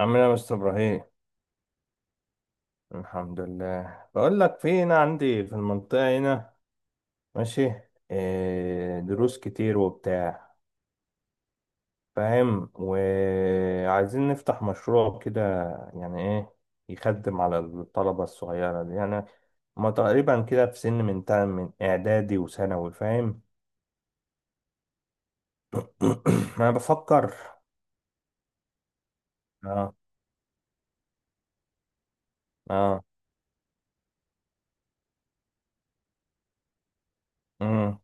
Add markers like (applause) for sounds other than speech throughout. عامل ايه يا مستر ابراهيم؟ الحمد لله، بقول لك في هنا عندي في المنطقه هنا. ماشي. إيه دروس كتير وبتاع، فاهم، وعايزين نفتح مشروع كده، يعني ايه، يخدم على الطلبه الصغيره دي يعني. هما تقريبا كده في سن من من اعدادي وثانوي، فاهم؟ (clears throat) (coughs) انا بفكر. اه. اه. مم.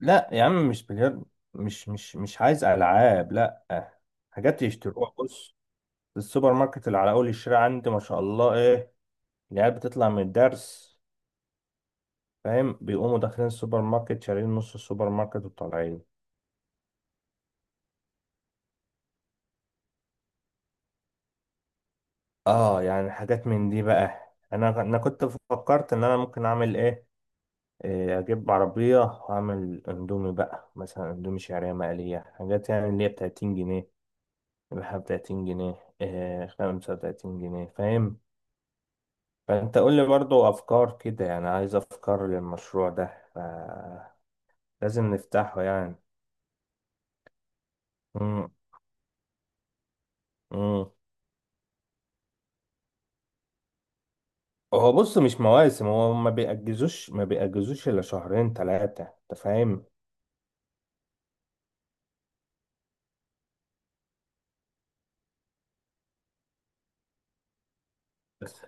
لا يا عم مش بلياردو، مش عايز العاب، لا. حاجات يشتروها، بص، السوبر ماركت اللي على اول الشارع عندي، ما شاء الله، ايه، العيال بتطلع من الدرس، فاهم، بيقوموا داخلين السوبر ماركت شارين نص السوبر ماركت وطالعين. اه يعني حاجات من دي بقى. انا كنت فكرت ان انا ممكن اعمل ايه، إيه، اجيب عربية واعمل اندومي بقى، مثلا اندومي شعرية مقلية، حاجات يعني اللي هي ب 30 جنيه، بحب 30 جنيه، إيه 35 جنيه، فاهم. فانت قول لي برضو افكار كده، يعني عايز افكار للمشروع ده. ف- لازم نفتحه يعني. مم. مم. هو بص مش مواسم، هو ما بيأجزوش إلا شهرين 3، أنت فاهم. بس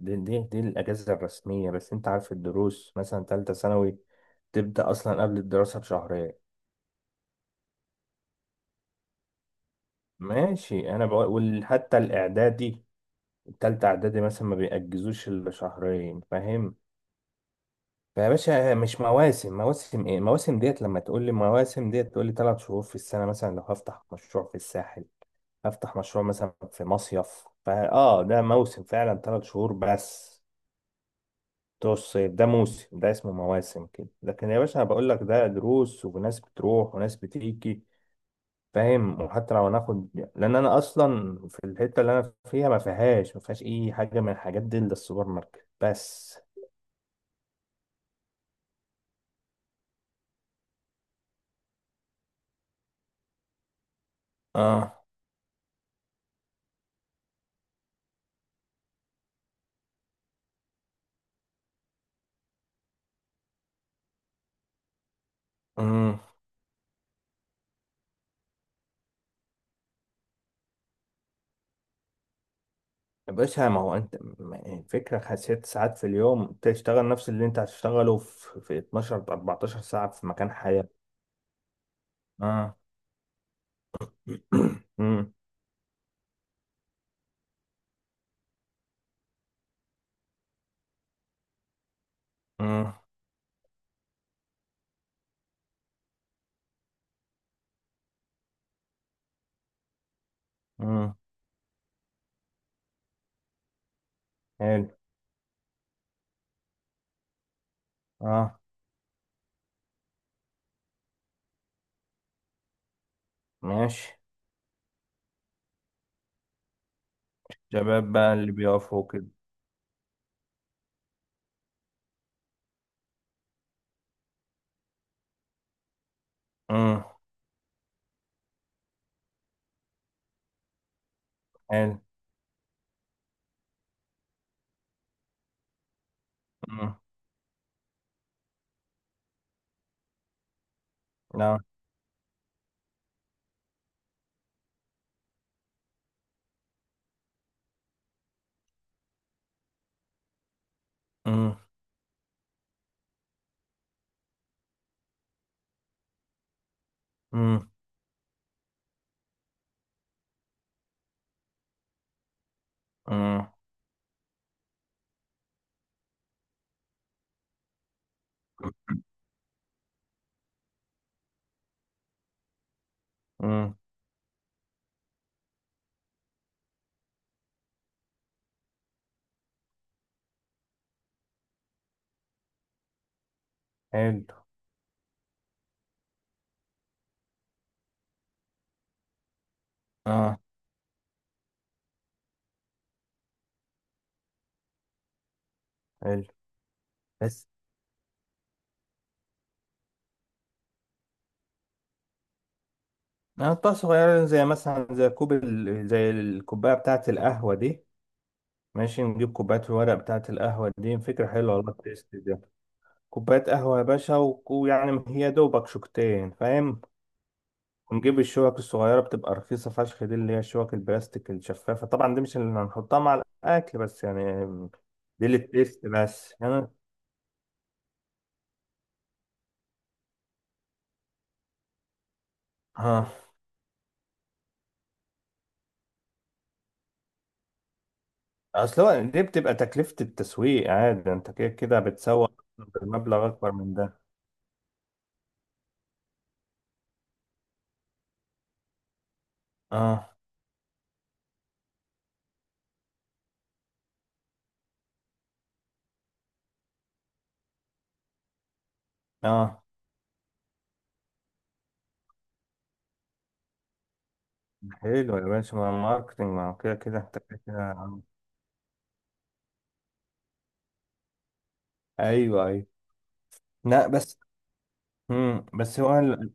دي الأجازة الرسمية، بس أنت عارف الدروس مثلا تالتة ثانوي تبدأ أصلا قبل الدراسة بشهرين. ماشي، أنا بقول حتى الإعدادي، التالتة إعدادي مثلا ما بيأجزوش إلا شهرين، فاهم. يا باشا مش مواسم، مواسم ايه؟ مواسم ديت لما تقول لي مواسم ديت تقول لي 3 شهور في السنة. مثلا لو هفتح مشروع في الساحل، هفتح مشروع مثلا في مصيف، فا اه ده موسم فعلا، 3 شهور بس بتوع الصيف، ده موسم، ده اسمه مواسم كده. لكن يا باشا انا بقول لك ده دروس، وناس بتروح وناس بتيجي، فاهم. وحتى لو هناخد، لان انا اصلا في الحتة اللي انا فيها ما فيهاش اي حاجة من الحاجات دي الا السوبر ماركت بس. اه. امم. بس ما هو انت يعني الفكرة 6 ساعات في اليوم تشتغل نفس اللي انت هتشتغله في 12 14 ساعة في مكان حياة. اه. (clears throat) امم. امم. امم. حلو. اه. ماشي. شباب بقى اللي بيقفوا كده. امم. حلو. امم. لا. امم. امم. امم. امم. حلو. اه. حلو، بس نقطة صغيرة، زي مثلا زي كوب زي الكوباية بتاعة القهوة دي. ماشي، نجيب كوبايات الورق بتاعة القهوة دي، فكرة حلوة والله التيست دي. كوباية قهوة يا باشا، ويعني هي دوبك شوكتين، فاهم، ونجيب الشوك الصغيرة بتبقى رخيصة فشخ، دي اللي هي الشوك البلاستيك الشفافة طبعا. دي مش اللي هنحطها مع الأكل بس يعني، دي للتيست بس يعني. ها. أصل هو دي بتبقى تكلفة التسويق، عادي، أنت كده كده بتسوق بمبلغ أكبر من ده. اه. اه. حلو يا باشا، ما ماركتنج ما هو كده كده أنت كده كده. ايوه ايوه. لا بس، امم، بس هو ال...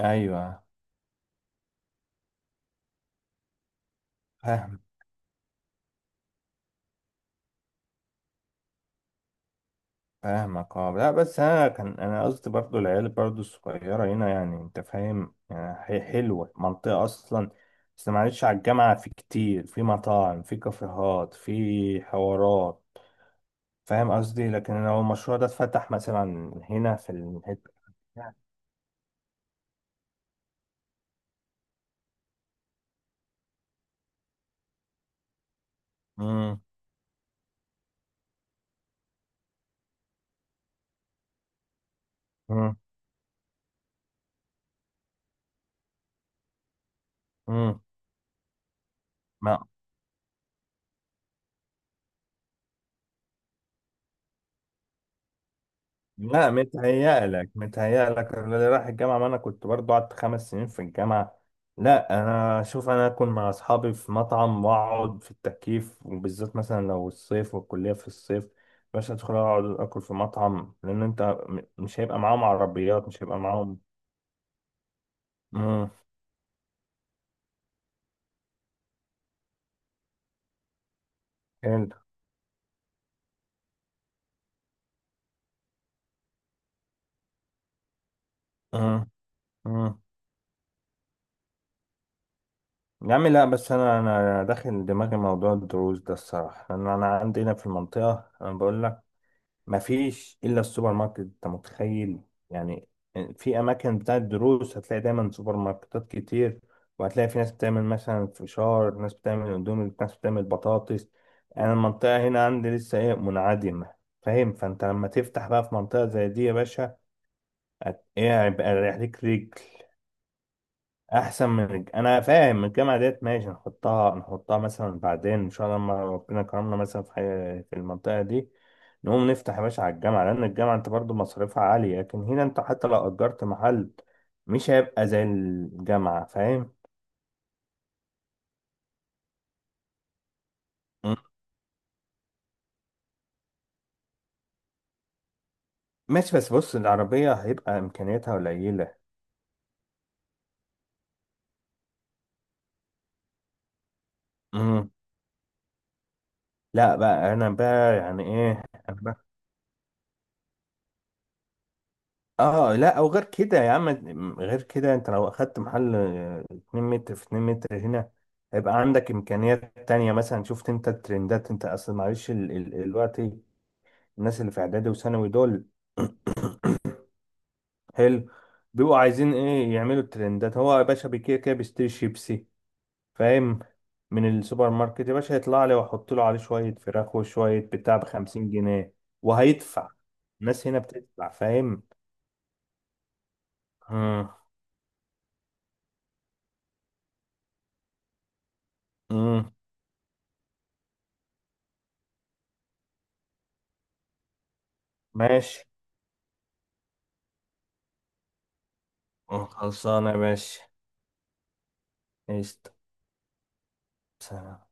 ايوه. فاهم. فاهمك. اه لا بس انا كان انا قصدي برضو العيال برضو الصغيره هنا يعني، انت فاهم، يعني هي حلوه منطقه اصلا، بس معلش على الجامعه في كتير، في مطاعم، في كافيهات، في حوارات، فاهم قصدي، لكن لو المشروع ده اتفتح مثلا هنا في الحته. امم. امم. امم. لا متهيألك، متهيألك اللي رايح الجامعة، ما أنا كنت برضو قعدت 5 سنين في الجامعة. لا أنا أشوف أنا أكون مع أصحابي في مطعم وأقعد في التكييف، وبالذات مثلا لو الصيف والكلية في الصيف، باش أدخل أقعد أكل في مطعم، لأن أنت مش هيبقى معاهم عربيات، مش هيبقى معاهم. مم. حلو. مم. مم. يا عم لا بس أنا أنا داخل دماغي موضوع الدروس ده الصراحة، لأن أنا عندي هنا في المنطقة أنا بقول ما فيش الا السوبر ماركت، انت متخيل يعني. في اماكن بتاعت دروس هتلاقي دايما سوبر ماركتات كتير، وهتلاقي في ناس بتعمل مثلا فشار، ناس بتعمل اندومي، ناس بتعمل بطاطس. انا المنطقه هنا عندي لسه ايه منعدمه، فاهم. فانت لما تفتح بقى في منطقه زي دي يا باشا، ايه هيبقى رايح ليك رجل، احسن من انا فاهم الجامعه ديت، ماشي، نحطها نحطها مثلا بعدين ان شاء الله لما ربنا كرمنا. مثلا في في المنطقه دي نقوم نفتح، يا باشا على الجامعه لان الجامعه انت برضو مصاريفها عاليه، لكن هنا انت حتى لو اجرت محل مش هيبقى زي الجامعه، فاهم. مم. ماشي، بس بص العربيه هيبقى امكانياتها قليله. مم. لا بقى انا بقى يعني ايه، اه لا، او غير كده يا عم، غير كده انت لو اخدت محل، آه، 2 متر في 2 متر هنا، هيبقى عندك امكانيات تانية. مثلا شفت انت الترندات، انت اصل معلش الوقت، الناس اللي في اعدادي وثانوي دول، حلو، بيبقوا عايزين ايه، يعملوا الترندات. هو يا باشا بكده كده بيشتري شيبسي، فاهم، من السوبر ماركت يا باشا، يطلع لي واحط له عليه شوية فراخ وشوية بتاع ب 50 جنيه، وهيدفع، الناس هنا بتدفع، فاهم. امم. امم. ماشي، خلصانة يا باشا. قشطة. سلام.